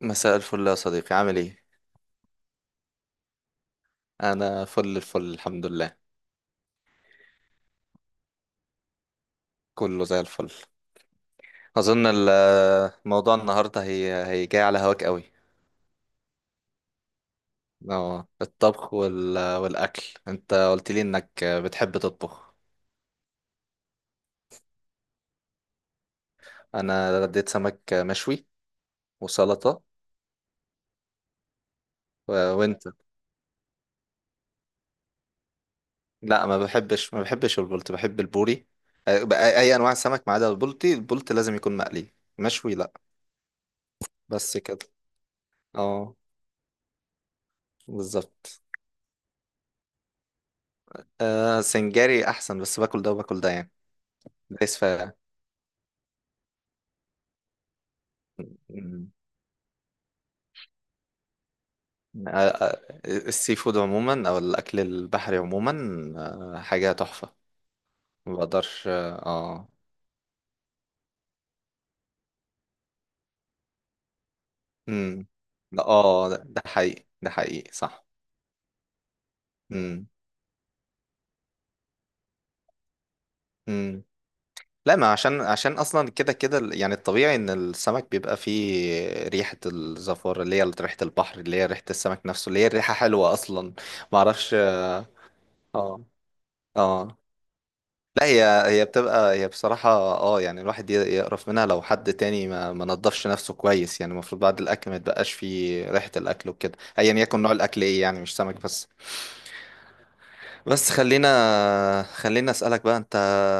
مساء الفل يا صديقي، عامل ايه؟ انا فل الفل الحمد لله. كله زي الفل. اظن الموضوع النهارده هي جاي على هواك قوي. اه، الطبخ والاكل، انت قلت لي انك بتحب تطبخ. انا رديت سمك مشوي وسلطه. و... وانت؟ لا، ما بحبش البلطي، بحب البوري. أي انواع سمك ما عدا البلطي، البلطي لازم يكون مقلي، مشوي لا. بس كده. اه، بالظبط. آه، سنجاري احسن، بس باكل ده وباكل ده يعني. دايس فيها. مم. آه، آه، السي فود عموما او الاكل البحري عموما، حاجه تحفه، ما بقدرش. اه. امم. لا، اه، ده حقيقي، ده حقيقي صح. امم، امم. لا، ما، عشان اصلا كده كده يعني الطبيعي ان السمك بيبقى فيه ريحه الزفار، اللي هي ريحه البحر، اللي هي ريحه السمك نفسه، اللي هي الريحه حلوه اصلا. ما اعرفش. اه، اه. لا، هي بتبقى هي بصراحة. اه، يعني الواحد يقرف منها لو حد تاني ما نضفش نفسه كويس. يعني المفروض بعد الأكل ما يتبقاش فيه ريحة الأكل وكده، أيا يكن نوع الأكل إيه، يعني مش سمك بس. بس خلينا أسألك بقى، أنت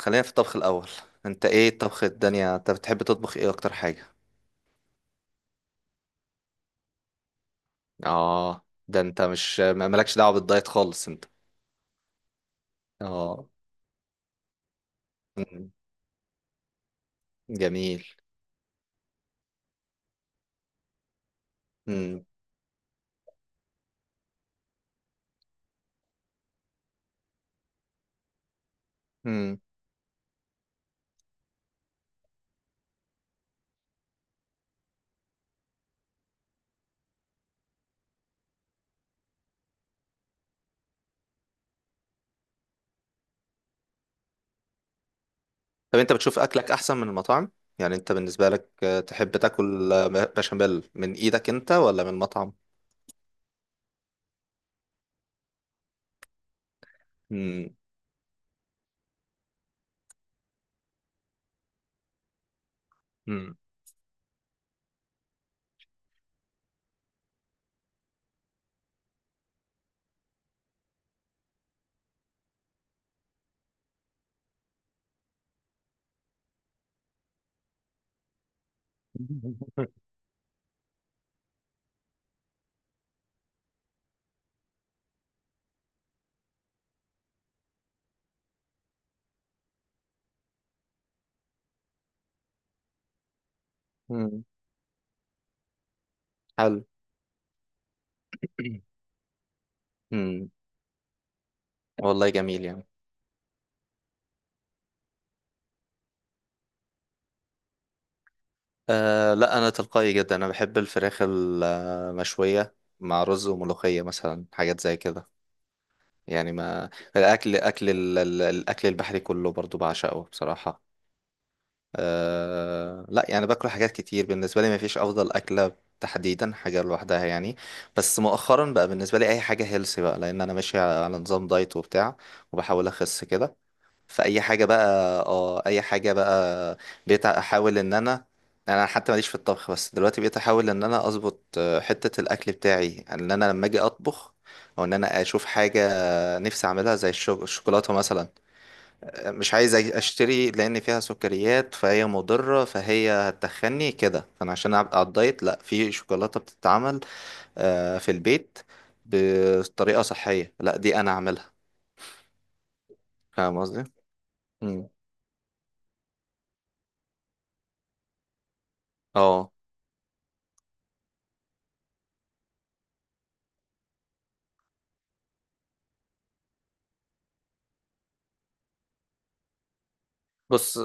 خلينا في الطبخ الأول. أنت إيه الطبخ الدنيا أنت بتحب تطبخ إيه أكتر حاجة؟ آه، ده أنت مش مالكش دعوة بالدايت خالص أنت. آه. مم. جميل. مم. مم. طب انت بتشوف اكلك احسن من المطاعم؟ يعني انت بالنسبه لك تحب تاكل بشاميل من ايدك انت ولا من مطعم؟ امم. امم. امم. حلو. امم. والله جميل يعني. أه، لا، انا تلقائي جدا، انا بحب الفراخ المشويه مع رز وملوخيه مثلا، حاجات زي كده يعني. ما الاكل، الاكل البحري كله برضو بعشقه بصراحه. أه، لا، يعني باكل حاجات كتير، بالنسبة لي مفيش أفضل أكلة تحديدا حاجة لوحدها يعني. بس مؤخرا بقى بالنسبة لي أي حاجة هيلسي بقى، لأن أنا ماشي على نظام دايت وبتاع، وبحاول أخس كده. فأي حاجة بقى. اه، أي حاجة بقى. بقيت أحاول إن أنا، أنا حتى ماليش في الطبخ، بس دلوقتي بقيت أحاول إن أنا أظبط حتة الأكل بتاعي، يعني إن أنا لما أجي أطبخ أو إن أنا أشوف حاجة نفسي أعملها زي الشوكولاتة مثلا، مش عايز اشتري لان فيها سكريات، فهي مضرة، فهي هتخني كده، فانا عشان ابقى على الدايت لا، في شوكولاتة بتتعمل في البيت بطريقة صحية، لا دي انا اعملها. فاهم قصدي؟ مم. اه، بص،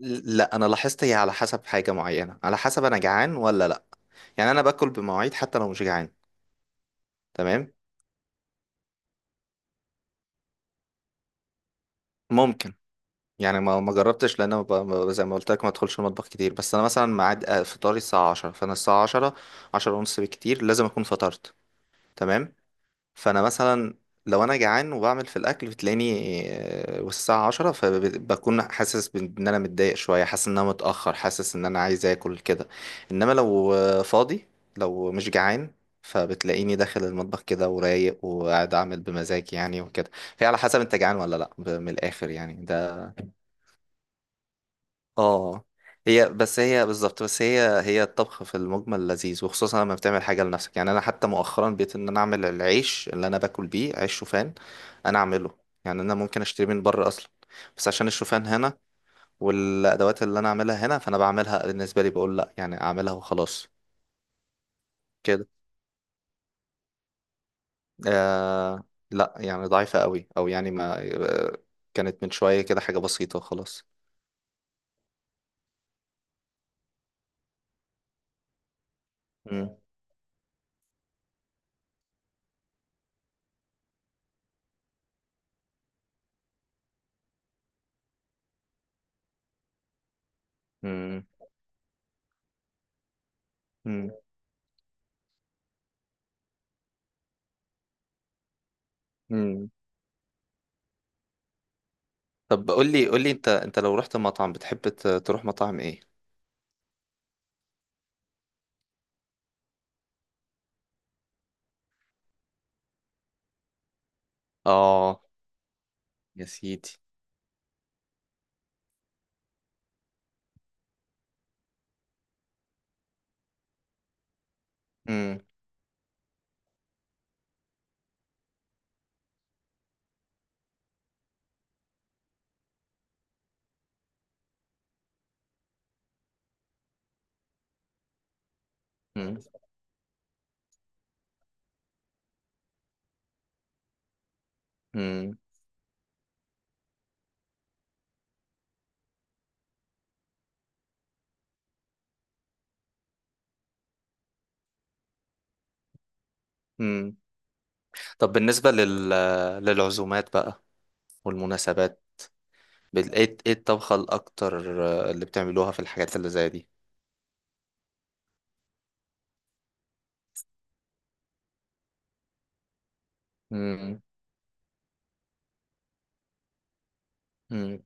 لا انا لاحظت هي على حسب حاجة معينة، على حسب انا جعان ولا لا. يعني انا باكل بمواعيد حتى لو مش جعان. تمام. ممكن. يعني ما جربتش، لان أنا زي ما قلت لك ما ادخلش المطبخ كتير، بس انا مثلا ميعاد فطاري الساعه 10، فانا الساعه 10، 10 ونص بالكتير لازم اكون فطرت. تمام. فانا مثلا لو انا جعان وبعمل في الاكل بتلاقيني والساعه 10، فبكون حاسس بان انا متضايق شويه، حاسس ان انا متاخر، حاسس ان انا عايز اكل كده. انما لو فاضي، لو مش جعان، فبتلاقيني داخل المطبخ كده ورايق، وقاعد اعمل بمزاج يعني وكده. فهي على حسب انت جعان ولا لا، من الاخر يعني. اه، هي بالظبط. بس هي الطبخ في المجمل لذيذ، وخصوصا لما بتعمل حاجه لنفسك. يعني انا حتى مؤخرا بقيت ان انا اعمل العيش اللي انا باكل بيه عيش شوفان، انا اعمله. يعني انا ممكن اشتري من بره اصلا، بس عشان الشوفان هنا والادوات اللي انا اعملها هنا، فانا بعملها بالنسبه لي بقول لا، يعني اعملها وخلاص كده. آه، لا، يعني ضعيفه قوي، او يعني ما آه، كانت من شويه كده حاجه بسيطه وخلاص. مم. مم. مم. مم. طب قول لي انت لو رحت مطعم بتحب تروح مطاعم ايه؟ اه، يا سيدي. امم. امم. امم. امم. طب بالنسبة للعزومات بقى والمناسبات، ايه، الطبخة الاكتر اللي بتعملوها في الحاجات اللي زي دي؟ امم. امم.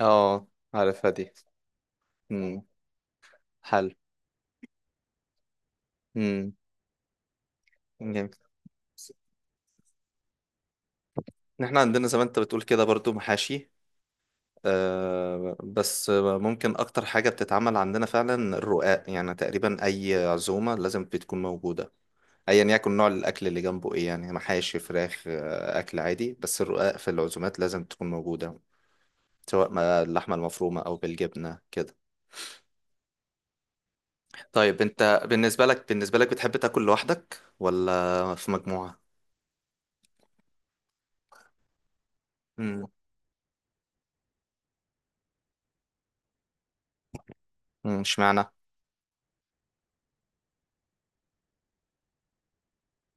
اه، عارفها دي. امم. حلو. امم. جميل. احنا عندنا زي ما انت بتقول كده برضو محاشي، آه، بس آه، ممكن اكتر حاجة بتتعمل عندنا فعلا الرقاق، يعني تقريبا اي عزومة لازم بتكون موجودة، ايا يكن نوع الاكل اللي جنبه ايه، يعني محاشي، فراخ، اكل عادي، بس الرقاق في العزومات لازم تكون موجودة، سواء ما اللحمة المفرومة او بالجبنة كده. طيب انت بالنسبة لك بتحب تاكل لوحدك ولا في مجموعة؟ امم. أمم، اشمعنى.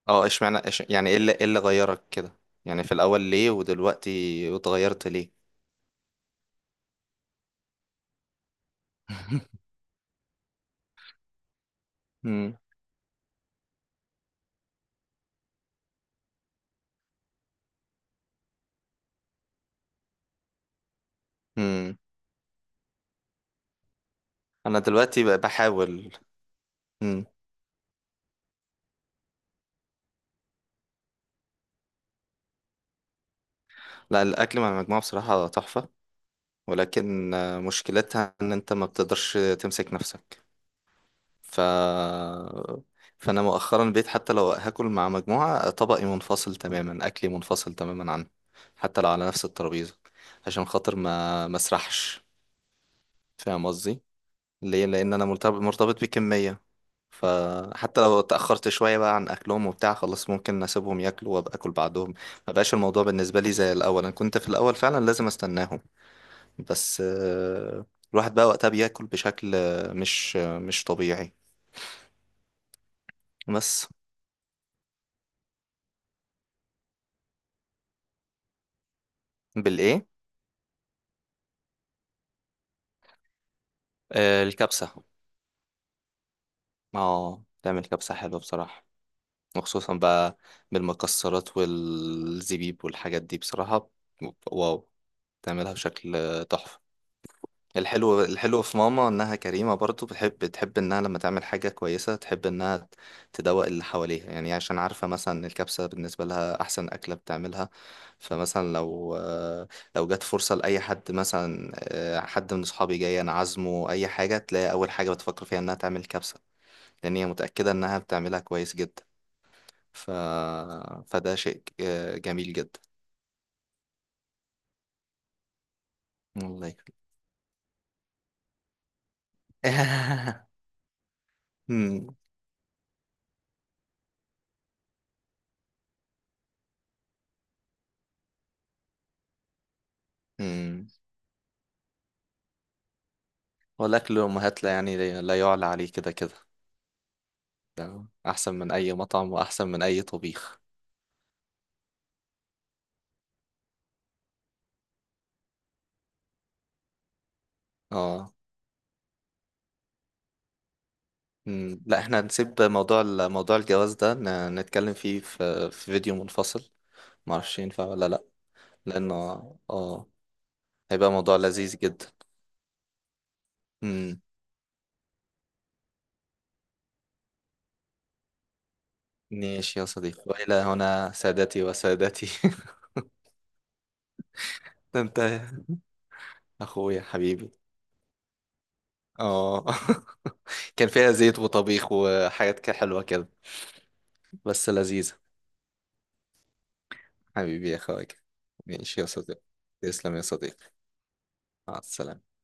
اه، اشمعنى يعني ايه اللي، ايه اللي غيرك كده؟ يعني في الاول ليه ودلوقتي اتغيرت ليه؟ امم. انا دلوقتي بقى بحاول. مم. لا، الاكل مع المجموعه بصراحه تحفه، ولكن مشكلتها ان انت ما بتقدرش تمسك نفسك. ف فانا مؤخرا بقيت حتى لو هاكل مع مجموعه طبقي منفصل تماما، اكلي منفصل تماما عنه، حتى لو على نفس الترابيزه، عشان خاطر ما مسرحش. فاهم قصدي؟ ليه؟ لان انا مرتبط بكميه، فحتى لو اتاخرت شويه بقى عن اكلهم وبتاع، خلاص ممكن اسيبهم ياكلوا وابقى اكل بعدهم. ما بقاش الموضوع بالنسبه لي زي الاول، انا كنت في الاول فعلا لازم استناهم. بس الواحد بقى وقتها بياكل بشكل مش طبيعي. بس. بالايه؟ الكبسه. اه، تعمل كبسه حلوه بصراحه، وخصوصا بقى بالمكسرات والزبيب والحاجات دي بصراحه، واو، تعملها بشكل تحفه. الحلو الحلو في ماما انها كريمة برضو، بتحب انها لما تعمل حاجة كويسة تحب انها تدوق اللي حواليها، يعني عشان عارفة مثلا إن الكبسة بالنسبة لها احسن اكلة بتعملها. فمثلا لو جت فرصة لأي حد مثلا، حد من اصحابي جاي انا عازمه اي حاجة، تلاقي اول حاجة بتفكر فيها انها تعمل كبسة، لان هي متأكدة انها بتعملها كويس جدا. ف... فده شيء جميل جدا. والله. مم. والأكل الأمهات لا يعني، لا يعلى عليه كده كده. ده أحسن من أي مطعم وأحسن من أي طبيخ. اه. مم، لا احنا هنسيب موضوع موضوع الجواز ده نتكلم فيه في فيديو منفصل، معرفش ينفع ولا لأ. لأنه هيبقى موضوع لذيذ جدا. مم. ماشي يا صديقي، وإلى هنا سادتي وسادتي. ده انت أخويا حبيبي. اه. كان فيها زيت وطبيخ وحاجات كده حلوة كده، بس لذيذة. حبيبي يا اخويا. ماشي يا صديقي. تسلم يا صديقي. مع السلامة.